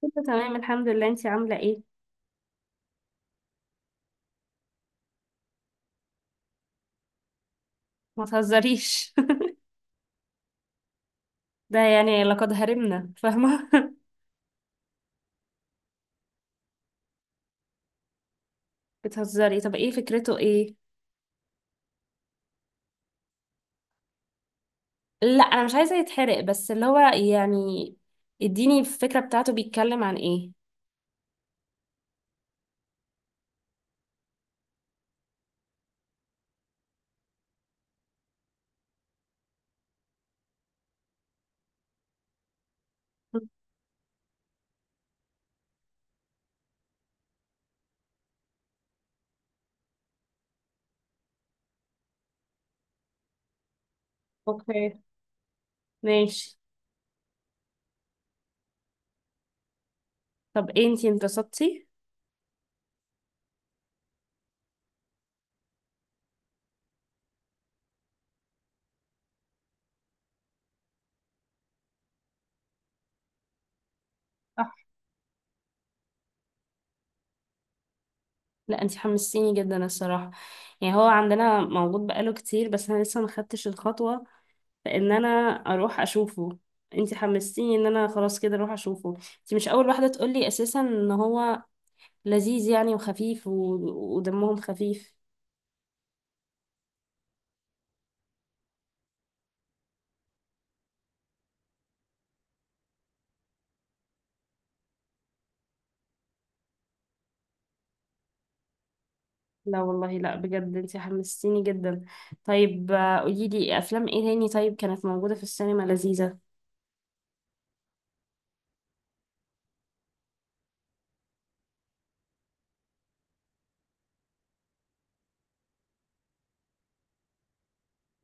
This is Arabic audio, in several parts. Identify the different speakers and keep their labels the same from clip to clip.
Speaker 1: كله تمام، الحمد لله. انتي عاملة ايه؟ ما تهزريش. ده يعني لقد هرمنا، فاهمة؟ بتهزري. طب ايه فكرته؟ ايه؟ لا انا مش عايزة يتحرق، بس اللي هو يعني اديني الفكرة بتاعته، بيتكلم عن ايه؟ اوكي. ماشي. طب ايه، انتي انبسطتي؟ صح. لا انتي حمستيني جدا الصراحة. يعني هو عندنا موجود بقاله كتير، بس انا لسه ما خدتش الخطوة، فان انا اروح اشوفه. انتي حمستيني ان انا خلاص كده اروح اشوفه. انتي مش اول واحدة تقولي اساسا ان هو لذيذ يعني وخفيف ودمهم خفيف. لا والله، لا بجد انت حمستيني جدا. طيب، قولي لي افلام ايه تاني طيب كانت موجودة في السينما لذيذة.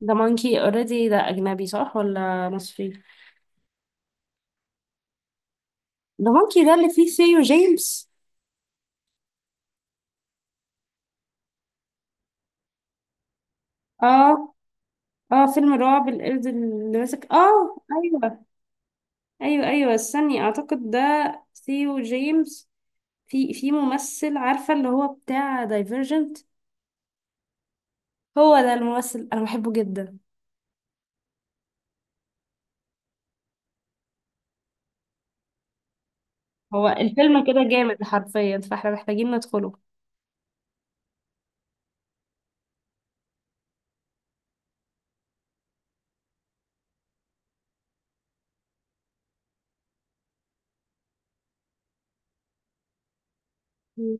Speaker 1: ده مونكي اوريدي، ده اجنبي صح ولا مصري؟ ده مونكي ده اللي فيه سيو جيمس. اه، اه فيلم رعب، القرد اللي ماسك. اه، ايوه. ايوه ايوه، استني، اعتقد ده ثيو جيمس. في ممثل، عارفة اللي هو بتاع دايفرجنت. هو ده الممثل، انا بحبه جدا. هو الفيلم كده جامد حرفيا، فاحنا محتاجين ندخله. مم.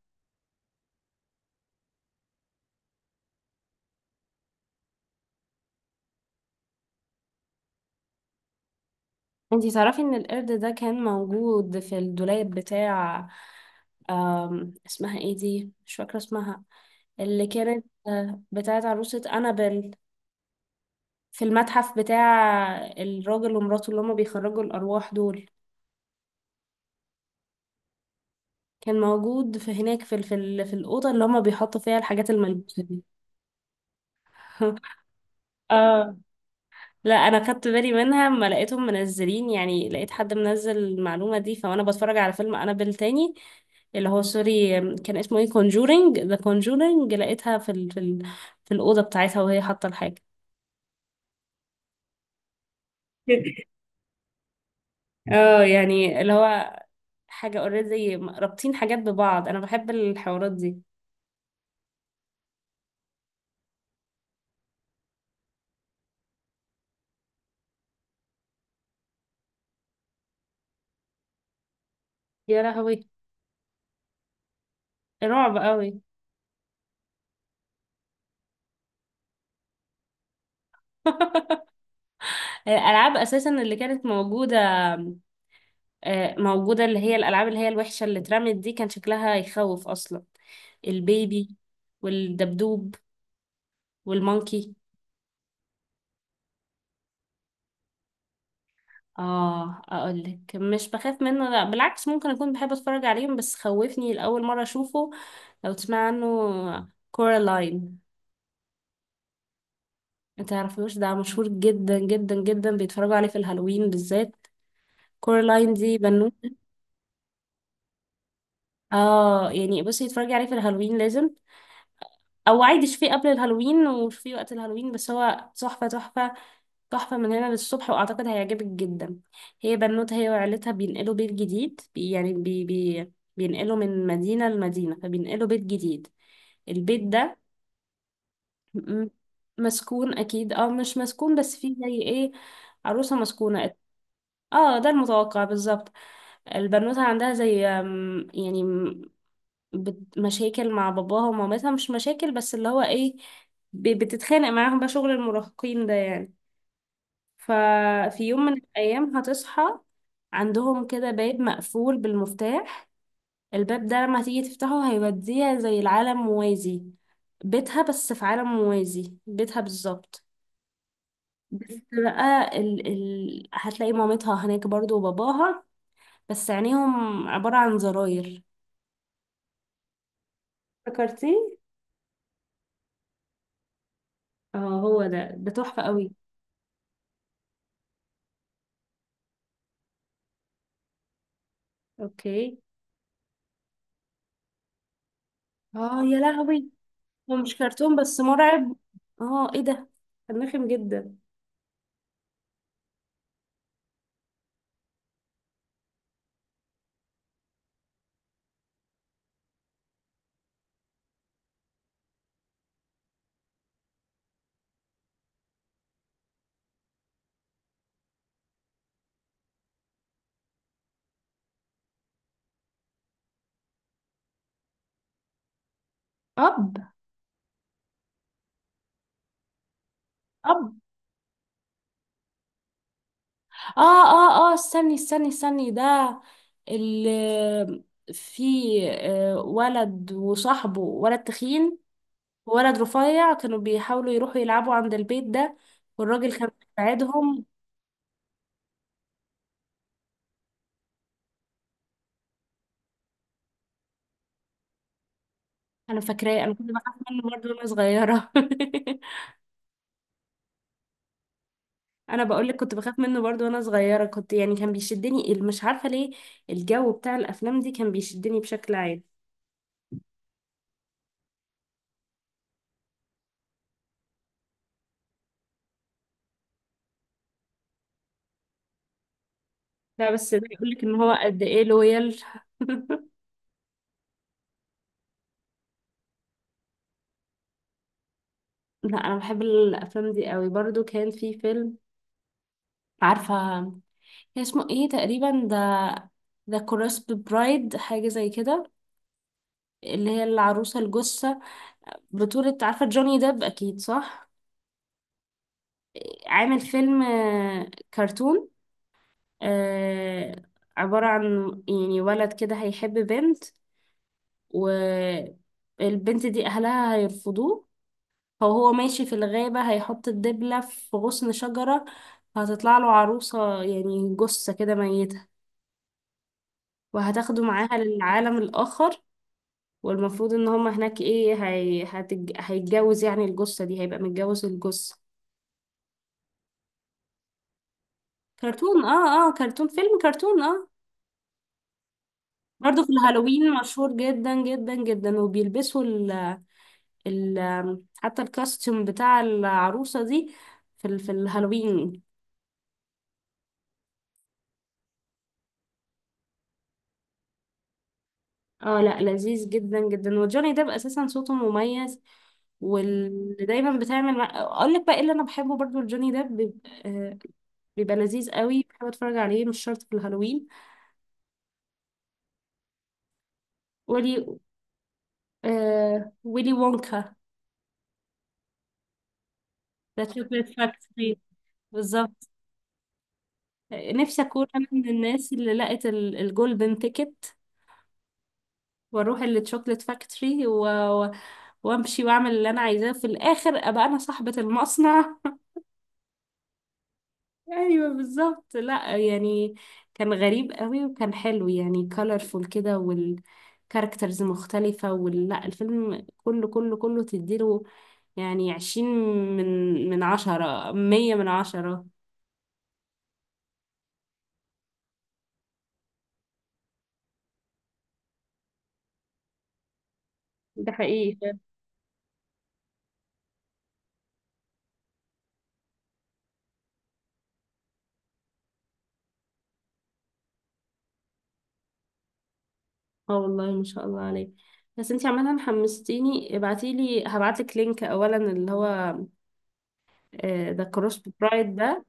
Speaker 1: انتي تعرفي ان القرد ده كان موجود في الدولاب بتاع اسمها ايه دي، مش فاكرة اسمها، اللي كانت بتاعت عروسة أنابل، في المتحف بتاع الراجل ومراته اللي هما بيخرجوا الأرواح دول؟ كان موجود في هناك، في في الأوضة اللي هما بيحطوا فيها الحاجات الملبوسة دي. اه، لا انا خدت بالي منها اما لقيتهم منزلين، يعني لقيت حد منزل المعلومه دي، فانا بتفرج على فيلم انابيل تاني، اللي هو سوري، كان اسمه ايه، كونجورينج، ذا كونجورينج، لقيتها في في الاوضه بتاعتها، وهي حاطه الحاجه. اه يعني اللي هو حاجه اوريدي، رابطين حاجات ببعض. انا بحب الحوارات دي. يا لهوي، رعب قوي. الالعاب اساسا اللي كانت موجوده، موجودة، اللي هي الألعاب اللي هي الوحشة اللي اترمت دي، كان شكلها يخوف أصلا. البيبي والدبدوب والمونكي. اه اقولك، مش بخاف منه، لا بالعكس ممكن اكون بحب اتفرج عليهم، بس خوفني لاول مره اشوفه، لو تسمع عنه، كورالاين. ما تعرفوش؟ ده مشهور جدا جدا جدا، بيتفرجوا عليه في الهالوين بالذات. كورالاين دي بنوتة. اه يعني بصي، اتفرجي عليه في الهالوين لازم، او عادي شوفيه قبل الهالوين وشوفيه وقت الهالوين، بس هو تحفه تحفه، تحفة من هنا للصبح، وأعتقد هيعجبك جدا. هي بنوتة، هي وعيلتها بينقلوا بيت جديد، يعني بي بي بينقلوا من مدينة لمدينة، فبينقلوا بيت جديد. البيت ده م- مسكون أكيد، أو مش مسكون بس فيه زي إيه، عروسة مسكونة. اه ده المتوقع بالظبط. البنوتة عندها زي يعني مشاكل مع باباها ومامتها، مش مشاكل بس اللي هو إيه، بتتخانق معاهم، بقى شغل المراهقين ده يعني. ففي يوم من الأيام هتصحى، عندهم كده باب مقفول بالمفتاح. الباب ده لما تيجي تفتحه هيوديها زي العالم موازي، بيتها بس في عالم موازي، بيتها بالظبط. بس بقى هتلاقي مامتها هناك برضو وباباها، بس عينيهم عبارة عن زراير. فكرتي؟ اه، هو ده تحفة قوي. اوكي. اه يا لهوي، هو مش كرتون بس مرعب. اه، ايه ده؟ كان رخم جدا. اب. اب. اه اه اه، استني استني استني، ده اللي في ولد وصاحبه ولد تخين وولد رفيع كانوا بيحاولوا يروحوا يلعبوا عند البيت ده، والراجل كان بيساعدهم. انا فاكراه، انا كنت بخاف منه برضه وانا صغيره. انا بقول لك كنت بخاف منه برضه وانا صغيره، كنت يعني كان بيشدني، مش عارفه ليه. الجو بتاع الافلام دي كان بيشدني بشكل عام. لا بس ده يقول لك ان هو قد ايه لويال. لا انا بحب الافلام دي قوي برضو. كان في فيلم، عارفه، كان اسمه ايه تقريبا، ذا كورسب برايد، حاجه زي كده، اللي هي العروسه الجثه، بطوله عارفه جوني ديب اكيد، صح. عامل فيلم، كرتون، آه، عباره عن يعني ولد كده هيحب بنت، والبنت دي اهلها هيرفضوه. فهو ماشي في الغابه، هيحط الدبله في غصن شجره، هتطلع له عروسة، يعني جثة كده ميتة، وهتاخده معاها للعالم الآخر. والمفروض ان هما هناك ايه، هيتجوز يعني الجثة دي، هيبقى متجوز الجثة. كرتون، اه اه، كرتون، فيلم كرتون، اه. برضه في الهالوين مشهور جدا جدا جدا، وبيلبسوا ال ال حتى الكاستيوم بتاع العروسة دي في في الهالوين. اه لا، لذيذ جدا جدا، وجوني ديب اساسا صوته مميز، واللي دايما بتعمل مع، اقول لك بقى ايه اللي انا بحبه برضو لجوني ديب. بيبقى لذيذ قوي، بحب اتفرج عليه مش شرط في الهالوين. ويلي، ويلي وونكا. ذا شوكليت فاكتوري. بالظبط. نفسي اكون انا من الناس اللي لقت الجولدن تيكت، واروح الشوكليت فاكتوري و- وامشي واعمل اللي انا عايزاه، في الاخر ابقى انا صاحبة المصنع. ايوه بالظبط، لا يعني كان غريب قوي، وكان حلو، يعني colorful كده، والكاركترز مختلفة ولا الفيلم كله كله كله، تديله يعني 20 من 10، 100 من 10. ده حقيقي فعلا. اه والله، ما شاء الله عليك. بس انتي عمالة حمستيني، ابعتيلي، هبعتلك لينك اولا، اللي هو ذا كروس برايد ده.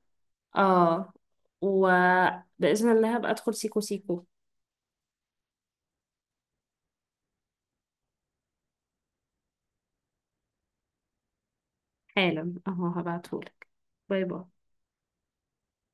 Speaker 1: اه، وبإذن الله هبقى ادخل سيكو سيكو. حالا اهو هبعتهولك. باي باي.